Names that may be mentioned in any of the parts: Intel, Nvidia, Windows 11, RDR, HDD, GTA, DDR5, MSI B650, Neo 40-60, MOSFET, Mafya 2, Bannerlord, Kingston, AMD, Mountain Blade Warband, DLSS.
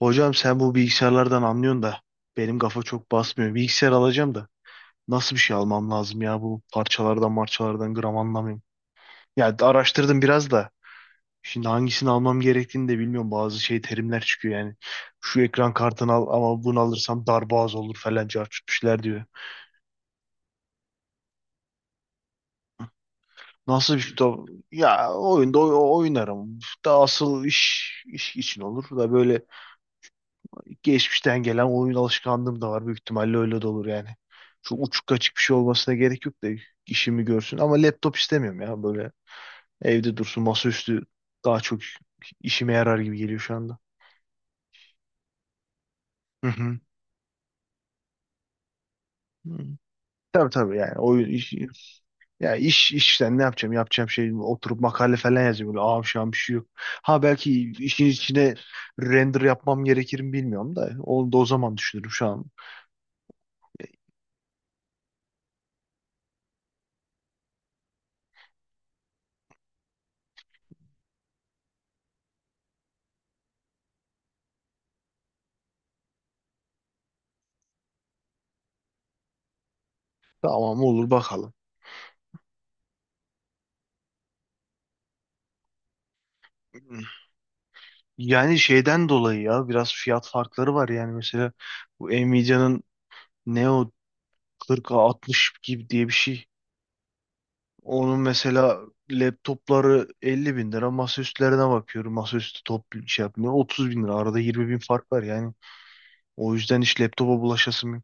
Hocam sen bu bilgisayarlardan anlıyorsun da benim kafa çok basmıyor. Bilgisayar alacağım da nasıl bir şey almam lazım ya bu parçalardan marçalardan gram anlamıyorum. Ya da araştırdım biraz da şimdi hangisini almam gerektiğini de bilmiyorum. Bazı şey terimler çıkıyor yani. Şu ekran kartını al ama bunu alırsam darboğaz olur falan cartçutmuşlar diyor. Nasıl bir şey? Ya oyunda oynarım. Da asıl iş için olur da böyle geçmişten gelen oyun alışkanlığım da var. Büyük ihtimalle öyle de olur yani. Çok uçuk kaçık bir şey olmasına gerek yok da işimi görsün. Ama laptop istemiyorum ya böyle evde dursun masaüstü daha çok işime yarar gibi geliyor şu anda. Hı hı. Hı. Tabii tabii yani oyun iş, ya işten ne yapacağım şey oturup makale falan yazacağım böyle ağam şu an bir şey yok. Ha belki işin içine render yapmam gerekir mi bilmiyorum da onu da o zaman düşünürüm şu an. Tamam olur bakalım. Hmm. Yani şeyden dolayı ya biraz fiyat farkları var yani mesela bu Nvidia'nın Neo 40-60 gibi diye bir şey. Onun mesela laptopları 50 bin lira masaüstlerine bakıyorum. Masaüstü top şey yapmıyor. 30 bin lira arada 20 bin fark var yani. O yüzden hiç laptopa bulaşasım yok.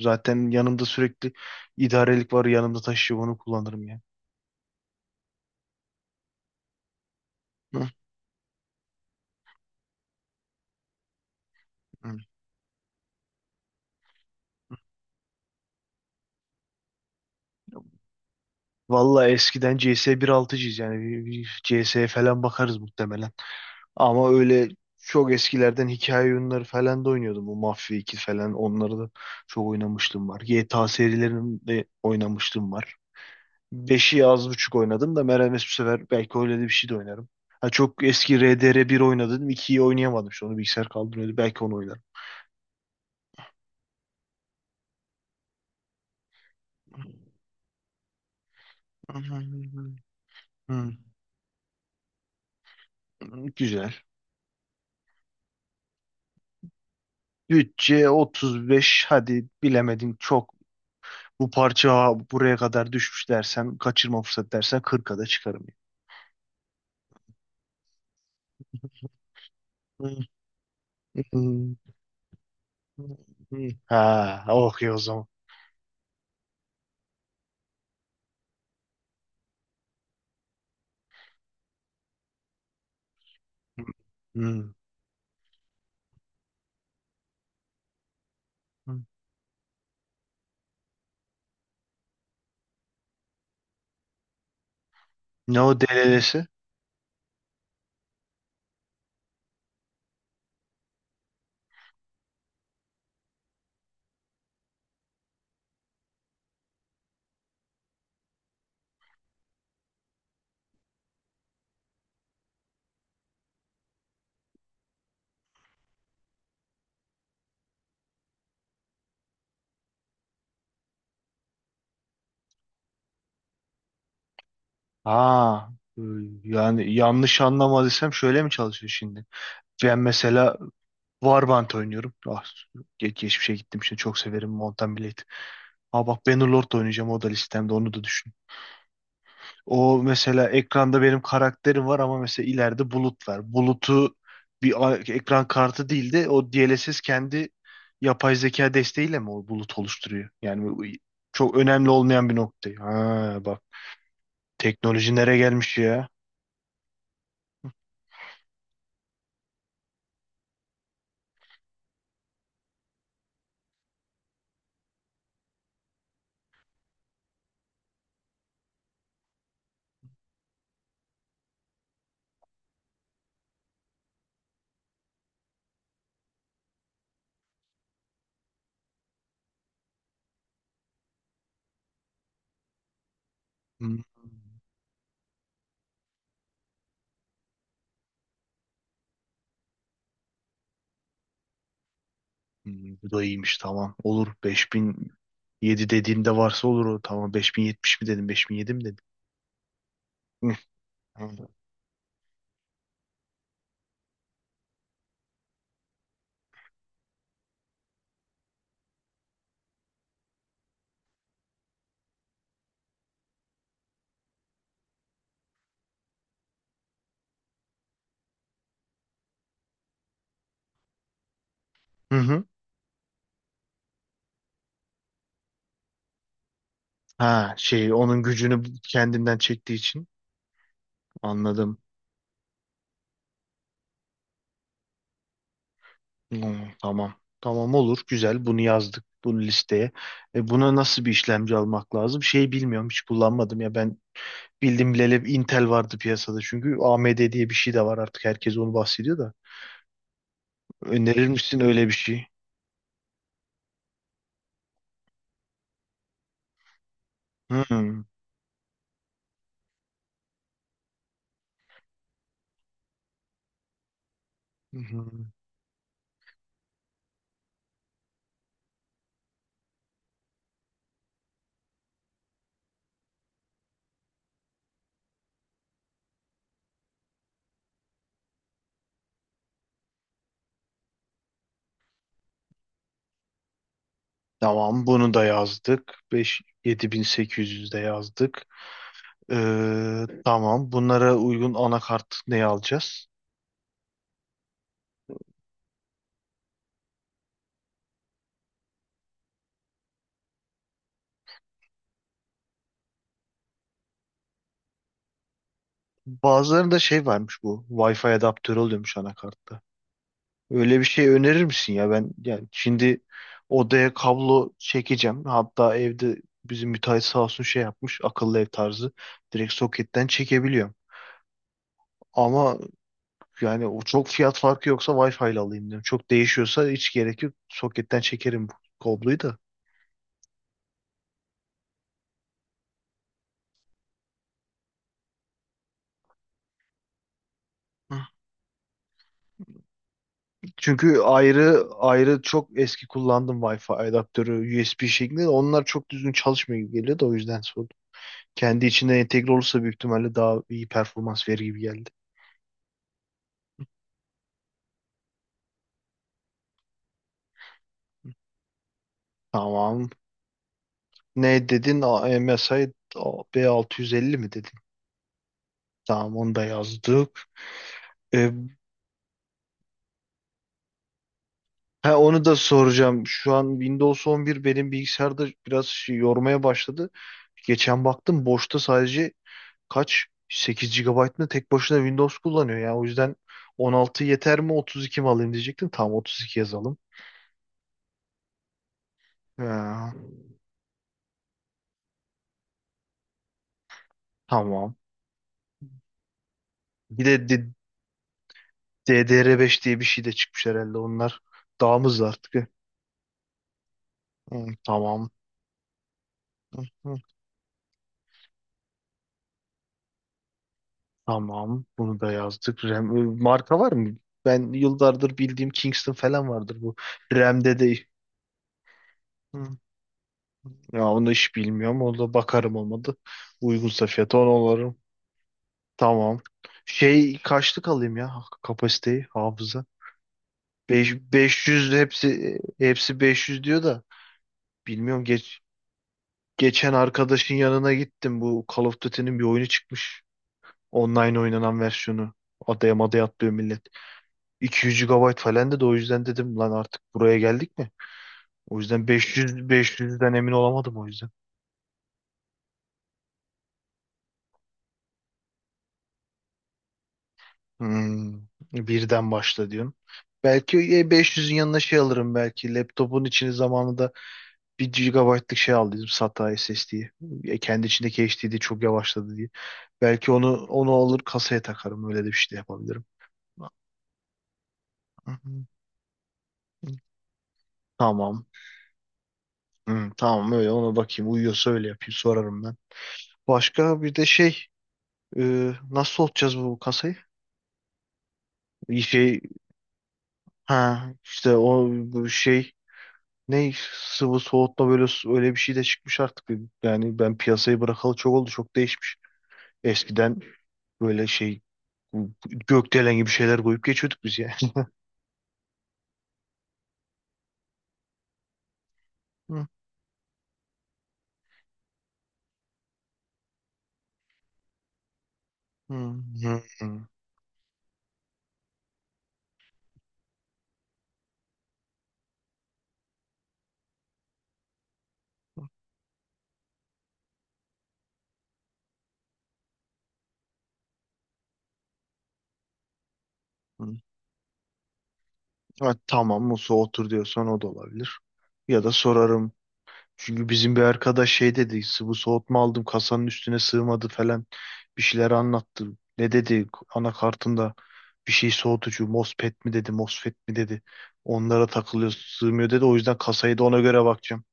Zaten yanımda sürekli idarelik var yanımda taşıyor onu kullanırım yani. Hı, hı. Vallahi eskiden CS 1.6'cıyız yani bir CS falan bakarız muhtemelen. Ama öyle çok eskilerden hikaye oyunları falan da oynuyordum. Bu Mafya 2 falan onları da çok oynamışlığım var. GTA serilerini de oynamışlığım var. 5'i az buçuk oynadım da Meral bu sefer belki öyle de bir şey de oynarım. Ha, çok eski RDR bir oynadım. 2'yi oynayamadım. İşte onu bilgisayar kaldırıyordu. Belki onu oynarım. Hmm. Güzel. Bütçe 35. Hadi bilemedin çok. Bu parça buraya kadar düşmüş dersen, kaçırma fırsat dersen 40'a da çıkarım. Hmm. Hı. Ha, okuyor o zaman. Hı. Hı. Ne o DLL'si? Ha, e, yani yanlış anlamadıysam şöyle mi çalışıyor şimdi? Ben mesela Warband oynuyorum. Ah, geçmişe gittim şimdi çok severim Mountain Blade. Ha bak Bannerlord da oynayacağım o da listemde onu da. O mesela ekranda benim karakterim var ama mesela ileride bulut var. Bulutu ekran kartı değil de o DLSS kendi yapay zeka desteğiyle mi o bulut oluşturuyor? Yani bu çok önemli olmayan bir nokta. Ha bak teknoloji nereye gelmiş ya? Hmm. Bu da iyiymiş tamam. Olur 5007 dediğinde varsa olur o. Tamam 5070 mi dedim 5007 mi dedim. Hı. Anladım. Hı. Hı. Ha şey onun gücünü kendinden çektiği için anladım. Tamam. Tamam olur güzel bunu yazdık bunu listeye. E, buna nasıl bir işlemci almak lazım? Şey bilmiyorum hiç kullanmadım ya ben bildim bileli Intel vardı piyasada çünkü AMD diye bir şey de var artık herkes onu bahsediyor da. Önerir misin öyle bir şey? Hmm. Hı hı. Tamam bunu da yazdık. 5 7800 de yazdık. Tamam bunlara uygun anakart ne alacağız? Bazılarında şey varmış bu. Wi-Fi adaptörü oluyormuş anakartta. Öyle bir şey önerir misin ya? Ben yani şimdi odaya kablo çekeceğim. Hatta evde bizim müteahhit sağ olsun şey yapmış. Akıllı ev tarzı. Direkt soketten çekebiliyorum. Ama yani o çok fiyat farkı yoksa Wi-Fi ile alayım diyorum. Çok değişiyorsa hiç gerek yok. Soketten çekerim bu kabloyu da. Çünkü ayrı ayrı çok eski kullandım Wi-Fi adaptörü USB şeklinde. Onlar çok düzgün çalışmıyor gibi geliyor da o yüzden sordum. Kendi içine entegre olursa büyük ihtimalle daha iyi performans verir gibi geldi. Tamam. Ne dedin? MSI B650 mi dedin? Tamam onu da yazdık. E, ha, onu da soracağım. Şu an Windows 11 benim bilgisayarda biraz şey yormaya başladı. Geçen baktım boşta sadece kaç 8 gigabayt mı tek başına Windows kullanıyor ya. O yüzden 16 yeter mi 32 mi alayım diyecektim. Tamam 32 yazalım. Ha, tamam. Bir de DDR5 diye bir şey de çıkmış herhalde. Onlar daha mı hızlı artık. Hı, tamam. Hı, hı. Tamam. Bunu da yazdık. RAM, marka var mı? Ben yıllardır bildiğim Kingston falan vardır bu. RAM'de de. Hı. Ya onu hiç bilmiyorum. Orada bakarım olmadı. Uygunsa fiyatı onu. Tamam. Şey kaçlık alayım ya, kapasiteyi, hafıza. 500 hepsi hepsi 500 diyor da bilmiyorum geçen arkadaşın yanına gittim bu Call of Duty'nin bir oyunu çıkmış. Online oynanan versiyonu. Adaya madaya atlıyor millet. 200 GB falan dedi o yüzden dedim lan artık buraya geldik mi? O yüzden beş yüzden emin olamadım o yüzden. Hmm, birden başla diyorsun. Belki beş yüzün yanına şey alırım belki laptopun içini zamanında 1 GB'lik şey aldıydım SATA SSD'yi. Kendi içindeki HDD çok yavaşladı diye. Belki onu alır kasaya takarım. Öyle de bir şey de yapabilirim. Tamam. Hı, tamam öyle ona bakayım. Uyuyorsa öyle yapayım. Sorarım ben. Başka bir de şey, e, nasıl soğutacağız bu kasayı? Bir şey, ha işte o bu şey ne, sıvı soğutma böyle, öyle bir şey de çıkmış artık. Yani ben piyasayı bırakalı çok oldu. Çok değişmiş. Eskiden böyle şey gökdelen gibi şeyler koyup geçiyorduk biz yani. Hı, hı, hı, hı, hı. Ha, tamam Musa otur diyorsan o da olabilir. Ya da sorarım. Çünkü bizim bir arkadaş şey dedi. Bu soğutma aldım kasanın üstüne sığmadı falan. Bir şeyler anlattı. Ne dedi anakartında bir şey soğutucu MOSFET mi dedi MOSFET mi dedi. Onlara takılıyor sığmıyor dedi. O yüzden kasayı da ona göre bakacağım.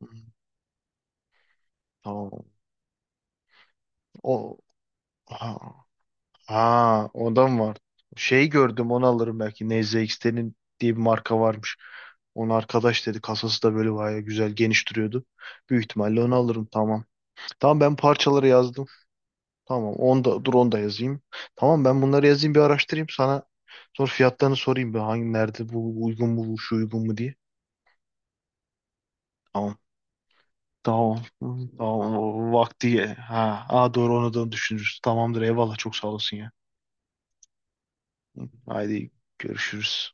Hı. Tamam. O, ha, ha, ondan var. Şey gördüm onu alırım belki. NZXT'nin diye bir marka varmış. Onu arkadaş dedi. Kasası da böyle bayağı güzel geniş duruyordu. Büyük ihtimalle onu alırım tamam. Tamam ben parçaları yazdım. Tamam onu da, dur onu da yazayım. Tamam ben bunları yazayım bir araştırayım sana. Sonra fiyatlarını sorayım bir hangi nerede bu uygun mu bu şu uygun mu diye. Tamam. Tamam. Tamam. O vakti. Ha. Aa, doğru onu da düşünürüz. Tamamdır eyvallah çok sağ olasın ya. Haydi görüşürüz.